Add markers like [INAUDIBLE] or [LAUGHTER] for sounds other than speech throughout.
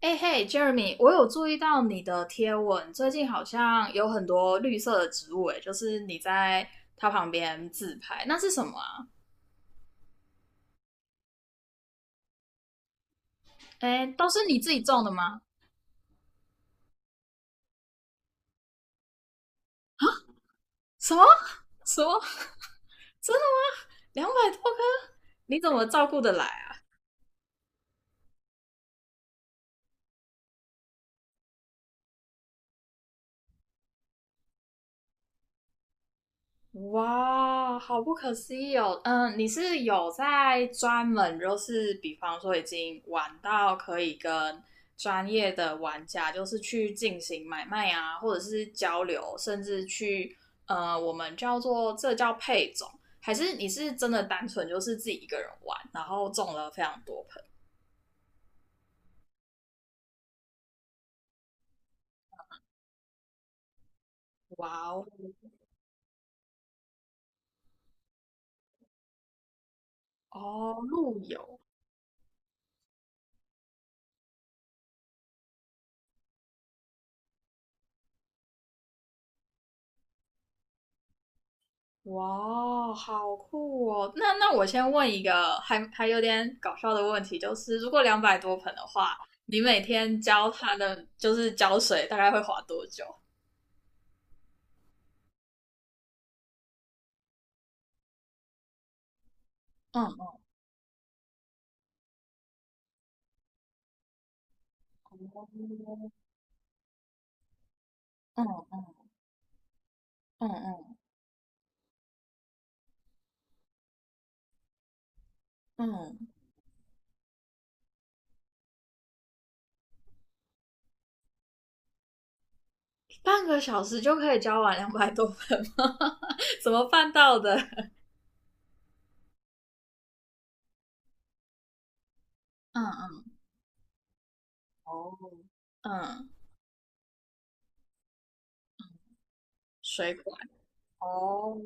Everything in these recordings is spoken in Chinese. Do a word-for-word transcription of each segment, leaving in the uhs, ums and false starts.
哎嘿，Jeremy，我有注意到你的贴文，最近好像有很多绿色的植物，哎，就是你在它旁边自拍，那是什么啊？哎，都是你自己种的吗？什么？什么？真的吗？两百多棵，你怎么照顾得来？哇，好不可思议哦！嗯，你是有在专门，就是比方说已经玩到可以跟专业的玩家，就是去进行买卖啊，或者是交流，甚至去呃，我们叫做这叫配种，还是你是真的单纯就是自己一个人玩，然后种了非常多盆？哇哦，哦，陆游。哇，好酷哦！那那我先问一个还还有点搞笑的问题，就是如果两百多盆的话，你每天浇它的就是浇水，大概会花多久？嗯嗯嗯嗯嗯，半个小时就可以浇完两百多盆吗？[LAUGHS] 怎么办到的？嗯嗯哦嗯，水管哦，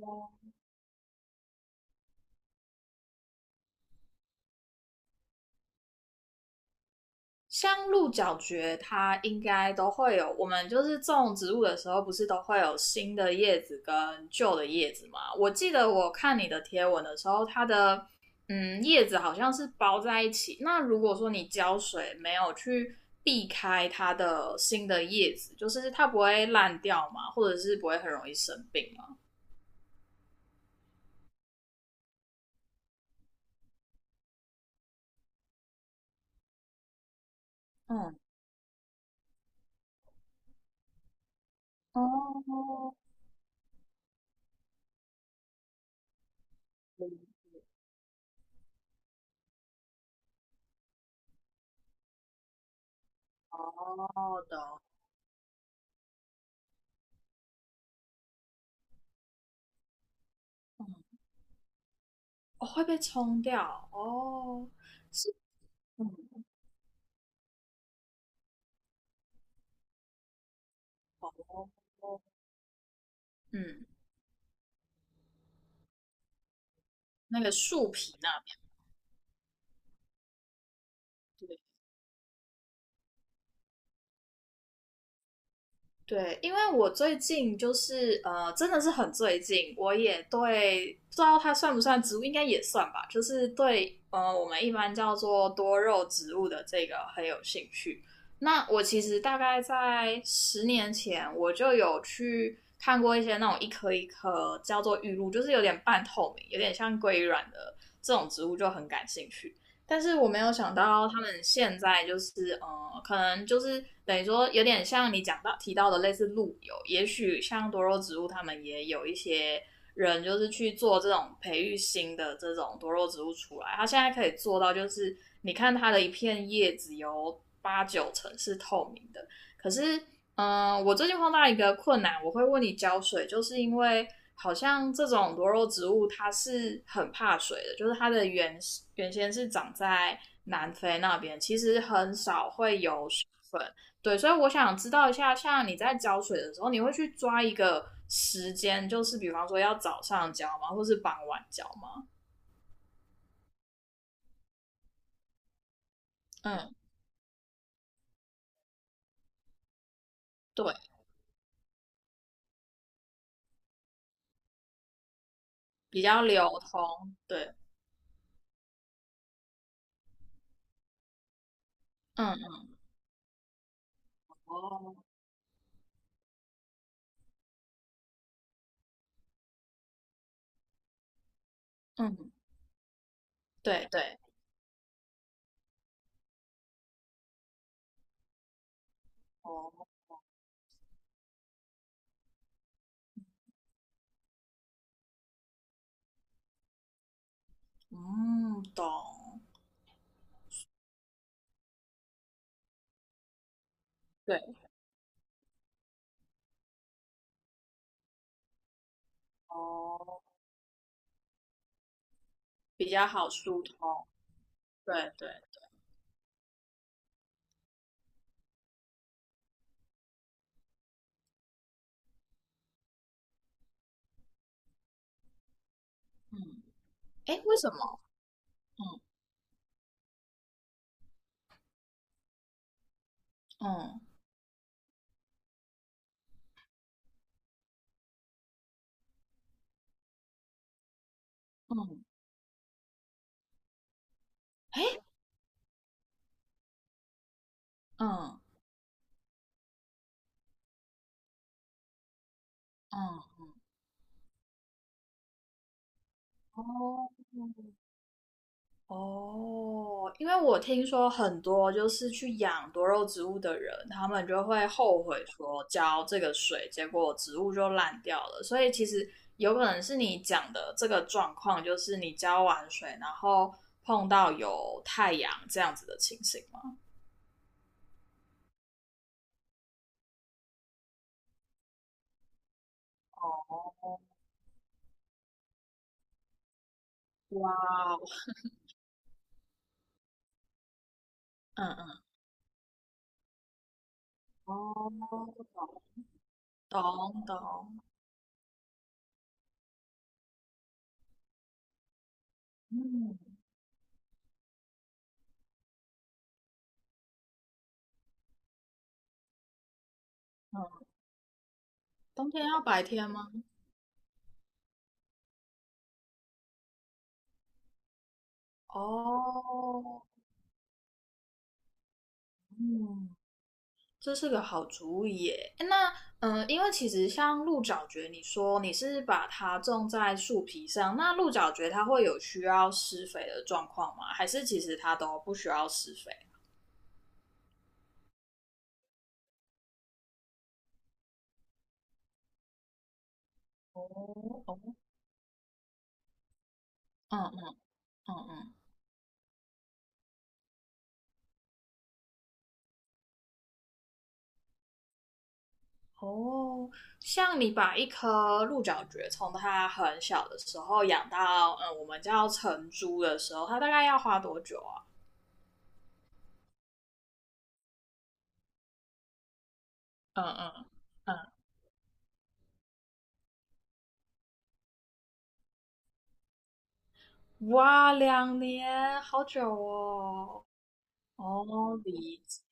像鹿角蕨，它应该都会有。我们就是种植物的时候，不是都会有新的叶子跟旧的叶子吗？我记得我看你的贴文的时候，它的嗯叶子好像是包在一起。那如果说你浇水没有去避开它的新的叶子，就是它不会烂掉嘛，或者是不会很容易生病嘛？嗯，哦，哦，懂，嗯哦哦懂哦会被冲掉哦，是，嗯哦，嗯，那个树皮那边，对，对，因为我最近就是呃，真的是很最近，我也对不知道它算不算植物，应该也算吧，就是对呃，我们一般叫做多肉植物的这个很有兴趣。那我其实大概在十年前，我就有去看过一些那种一颗一颗叫做玉露，就是有点半透明，有点像龟卵的这种植物，就很感兴趣。但是我没有想到他们现在就是呃，可能就是等于说有点像你讲到提到的类似路由，也许像多肉植物他们也有一些人就是去做这种培育新的这种多肉植物出来，他现在可以做到就是你看它的一片叶子有八九成是透明的，可是嗯，我最近碰到一个困难，我会问你浇水，就是因为好像这种多肉植物它是很怕水的，就是它的原原先是长在南非那边，其实很少会有水分。对，所以我想知道一下，像你在浇水的时候，你会去抓一个时间，就是比方说要早上浇吗，或是傍晚浇吗？嗯，对，比较流通。对，嗯，哦，嗯，对对，哦，嗯，懂。对。哦，比较好疏通。对对，嗯，哎，为什么？嗯嗯嗯，哎，嗯嗯，哦哦，因为我听说很多就是去养多肉植物的人，他们就会后悔说浇这个水，结果植物就烂掉了。所以其实有可能是你讲的这个状况，就是你浇完水，然后碰到有太阳这样子的情形吗？哇哦，嗯嗯，哦，懂懂，嗯嗯，冬天要白天吗？哦，嗯，这是个好主意耶。诶那嗯，呃因为其实像鹿角蕨，你说你是把它种在树皮上，那鹿角蕨它会有需要施肥的状况吗？还是其实它都不需要施肥？哦哦，嗯嗯嗯嗯，哦，像你把一颗鹿角蕨从它很小的时候养到嗯我们叫成株的时候，它大概要花多久啊？嗯嗯嗯，哇，两年，好久哦。哦，理解。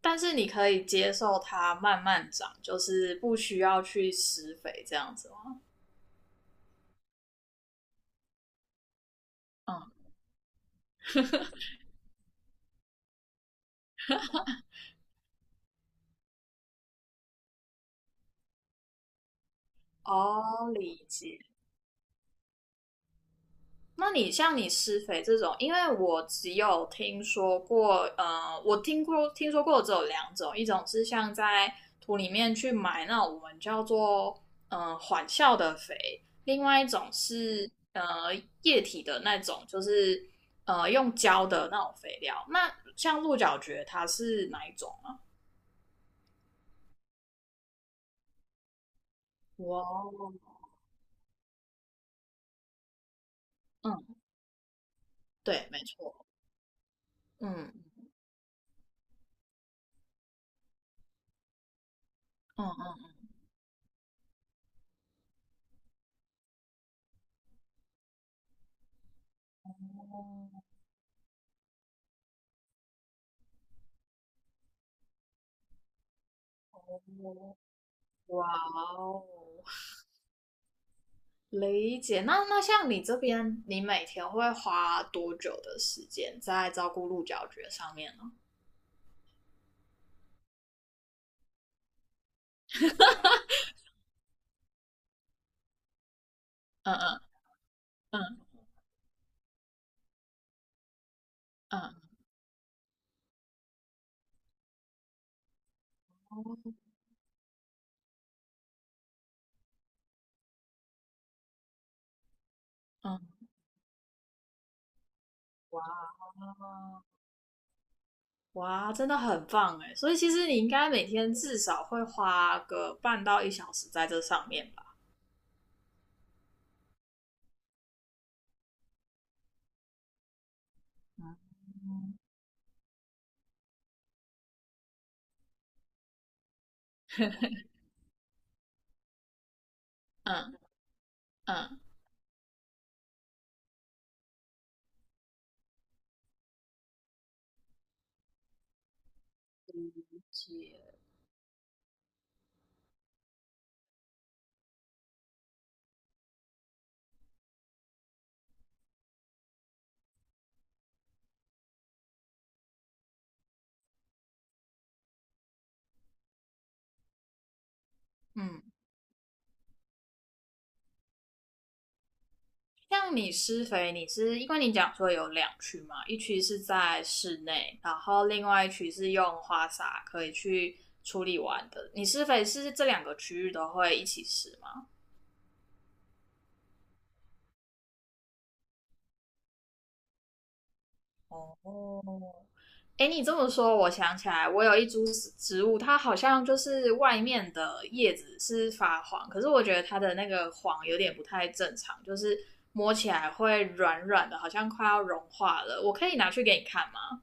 但是你可以接受它慢慢长，就是不需要去施肥这样子吗？嗯，哦，理解。那你像你施肥这种，因为我只有听说过，呃，我听过听说过只有两种，一种是像在土里面去埋那种我们叫做呃缓效的肥，另外一种是呃液体的那种，就是呃用胶的那种肥料。那像鹿角蕨它是哪一种啊？哇哦，嗯，对，没错，嗯嗯嗯，哇哦，理解。那那像你这边，你每天会花多久的时间在照顾鹿角蕨上面呢？嗯嗯嗯嗯嗯，哇哇，真的很棒哎！所以其实你应该每天至少会花个半到一小时在这上面吧？嗯 [LAUGHS] 嗯嗯，嗯。嗯像你施肥，你是因为你讲说有两区嘛，一区是在室内，然后另外一区是用花洒可以去处理完的。你施肥是这两个区域都会一起施吗？哦，哎，你这么说，我想起来，我有一株植物，它好像就是外面的叶子是发黄，可是我觉得它的那个黄有点不太正常，就是摸起来会软软的，好像快要融化了。我可以拿去给你看吗？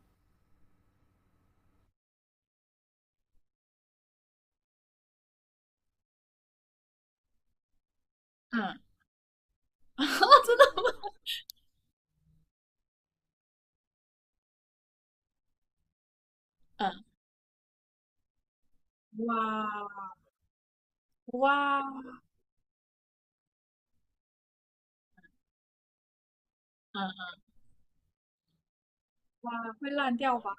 嗯嗯，哇，哇，嗯，哇，会烂掉吧？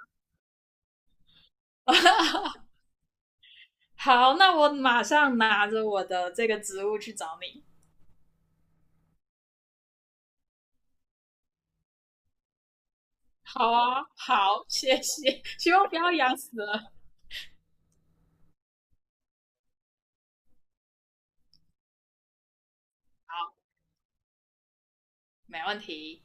[LAUGHS] 好，那我马上拿着我的这个植物去找你。好啊，好，谢谢，希望不要养死了。好，没问题。